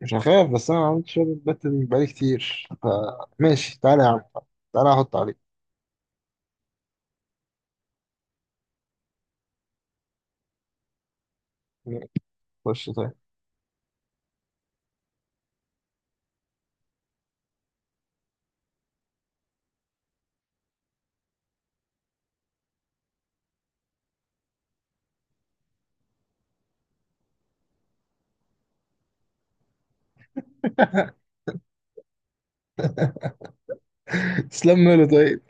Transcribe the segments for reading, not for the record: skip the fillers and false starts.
مش هخاف، بس انا ما عملتش شوية باتل بقالي كتير. فماشي، تعالى يا عم. تعالى احط عليك. خش طيب. تسلم له طيب.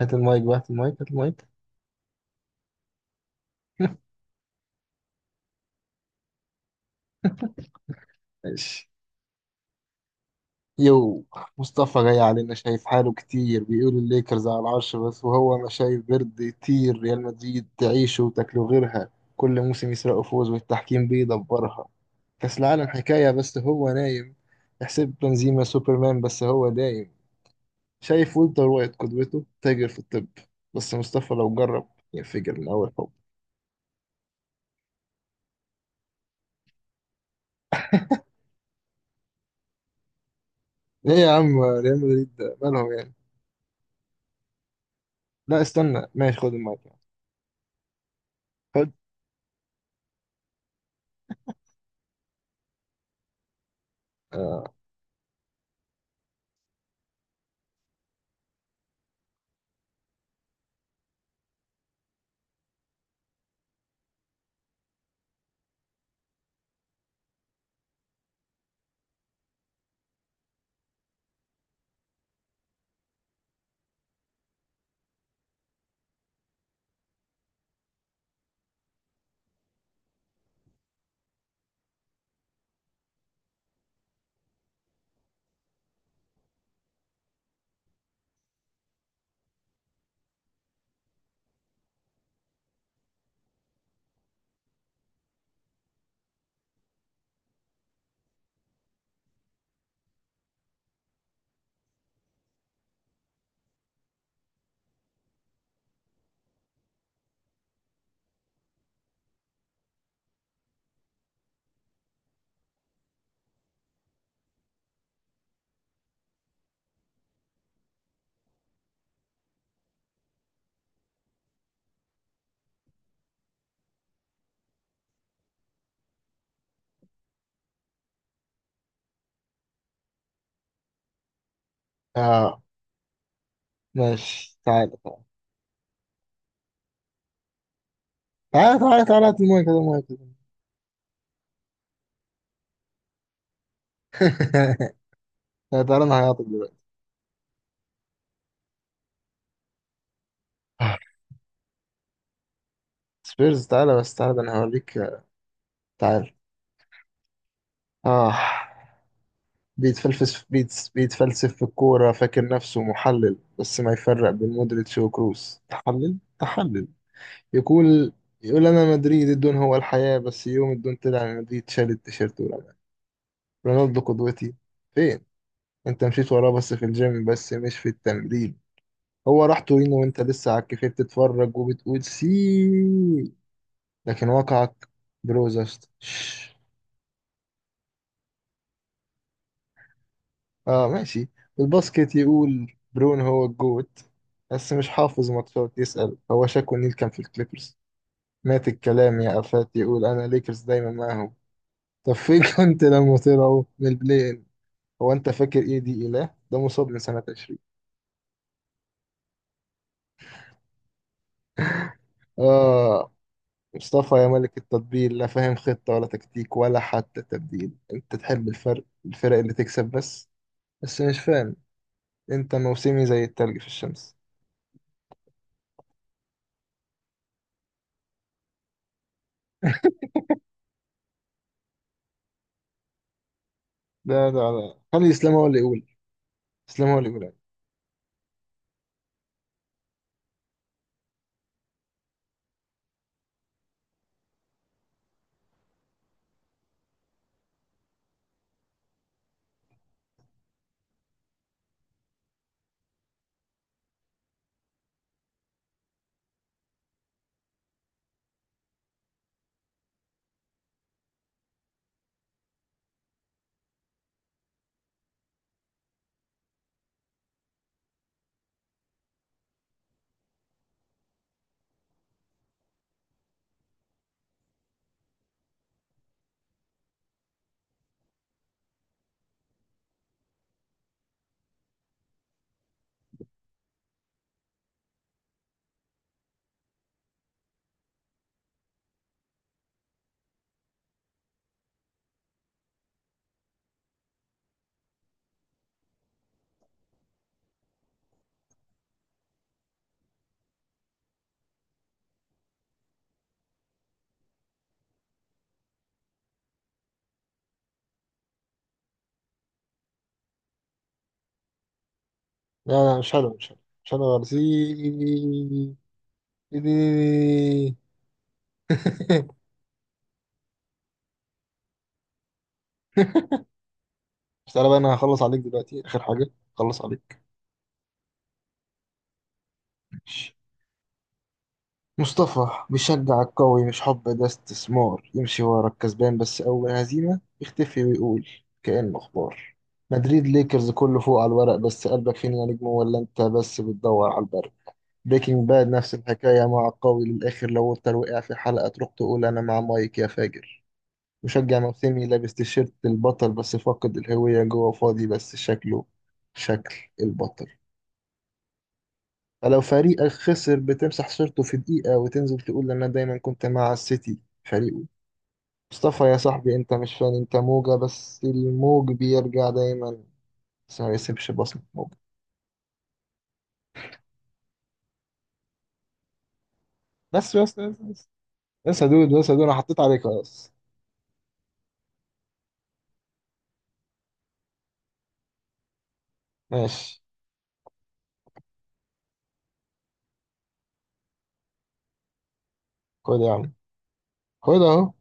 هات المايك بقى، هات المايك. ماشي. يو. مصطفى جاي علينا شايف حاله كتير، بيقول الليكرز على العرش، بس وهو انا شايف برد يطير. ريال مدريد تعيش وتاكله غيرها. كل موسم يسرقوا فوز والتحكيم بيدبرها. كأس العالم حكاية بس هو نايم. يحسب بنزيما سوبرمان بس هو دايم. شايف ولتر وايت قدوته، تاجر في الطب. بس مصطفى لو جرب ينفجر من أول حب. ليه يا عم؟ ريال مدريد ده مالهم يعني؟ لا استنى ماشي، خد المايك يعني. خد. آه ماشي. تعالى، هات المايك هات المايك. لا، تعالى أنا هعيطك دلوقتي. آه، سبيرز؟ تعالى بس، تعالى ده أنا هوريك. تعالى. آه. بيتفلسف بيتس، بيتفلسف في الكورة فاكر نفسه محلل، بس ما يفرق بين مودريتش وكروس. تحلل تحلل. يقول، يقول أنا مدريد، الدون هو الحياة، بس يوم الدون طلع من مدريد شال التيشيرت ورمى. رونالدو قدوتي؟ فين؟ أنت مشيت وراه بس في الجيم، بس مش في التمرين. هو راح تورينو وأنت لسه على الكافيه بتتفرج وبتقول سي. لكن واقعك بروزست. اه ماشي. الباسكت، يقول برون هو الجوت بس مش حافظ ماتشات، يسأل هو شاكو نيل كان في الكليبرز. مات الكلام يا آفات. يقول أنا ليكرز دايما معاهم. طب فين كنت لما طلعوا من البلاي إن؟ هو أنت فاكر إيه دي إله؟ ده مصاب من سنة 20. آه. مصطفى يا ملك التطبيل، لا فاهم خطة ولا تكتيك ولا حتى تبديل. أنت تحب الفرق، الفرق اللي تكسب بس. بس مش فاهم. أنت موسمي زي التلج في الشمس. لا، خلي إسلام هو اللي يقول. إسلام هو اللي يقول، لا. لا مش حلو، مش حلو خالص. مش تعالى بقى، أنا هخلص عليك دلوقتي آخر حاجة. خلص عليك. مصطفى بيشجع القوي مش حب، ده استثمار يمشي ورا الكسبان، بس أول هزيمة يختفي ويقول كأنه أخبار. مدريد ليكرز كله فوق على الورق، بس قلبك فين يا نجم؟ ولا أنت بس بتدور على البرد. بريكنج باد نفس الحكاية، مع القوي للآخر، لو أنت وقع في حلقة تروح تقول أنا مع مايك يا فاجر. مشجع موسمي لابس تيشيرت البطل، بس فاقد الهوية، جوه فاضي، بس شكله شكل البطل. فلو فريقك خسر بتمسح صورته في دقيقة وتنزل تقول أنا دايما كنت مع السيتي فريقه. مصطفى يا صاحبي، أنت مش فان، أنت موجة، بس الموج بيرجع دايما بس ما يسيبش بصمة موج. بس بس بس بس بس يا دود، بس يا دود أنا حطيت عليك خلاص. ماشي. خد يا عم. خد أهو.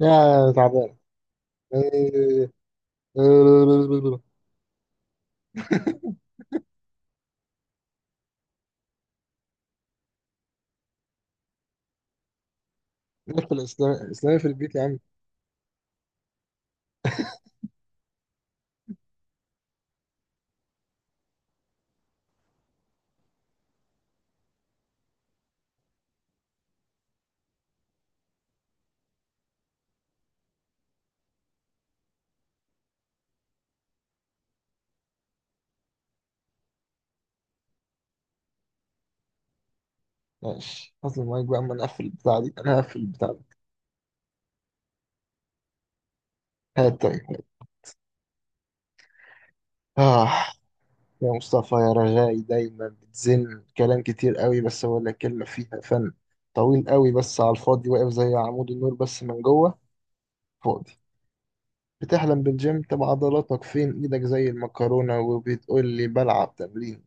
يا تعبان. نقفل إسلامي في البيت يا عم. ماشي، حط المايك بقى أما نقفل البتاع دي، أنا هقفل البتاع ده. هات تاني. آه. يا مصطفى يا رغاي، دايما بتزن كلام كتير قوي بس ولا كلمة فيها فن. طويل قوي بس على الفاضي، واقف زي عمود النور، بس من جوه فاضي. بتحلم بالجيم؟ طب عضلاتك فين؟ ايدك زي المكرونة وبتقول لي بلعب تمرين.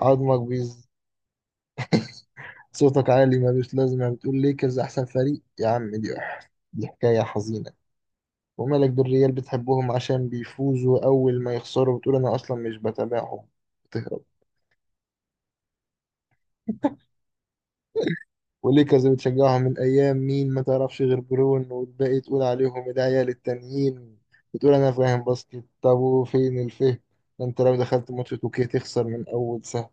عظمك بيز. صوتك عالي ملوش لازمة. بتقول ليكرز أحسن فريق يا عم، دي دي حكاية حزينة. ومالك بالريال؟ بتحبهم عشان بيفوزوا، أول ما يخسروا بتقول أنا أصلا مش بتابعهم. بتهرب. وليكرز بتشجعهم من ايام مين؟ ما تعرفش غير برون والباقي تقول عليهم العيال التانيين. بتقول انا فاهم باسكت، طب وفين الفهم؟ ده انت لو دخلت ماتش توكيه تخسر من اول سهم.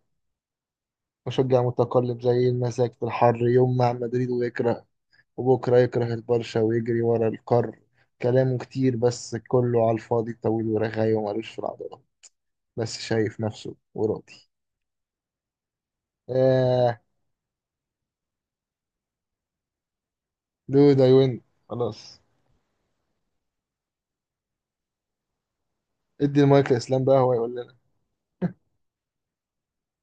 مشجع متقلب زي المساك في الحر، يوم مع مدريد ويكره وبكره يكره البرشا ويجري ورا القار. كلامه كتير بس كله على الفاضي، طويل ورغاي ومالوش في العضلة، بس شايف نفسه وراضي. آه. دود I win. خلاص. ادي المايك لإسلام بقى هو يقول لنا.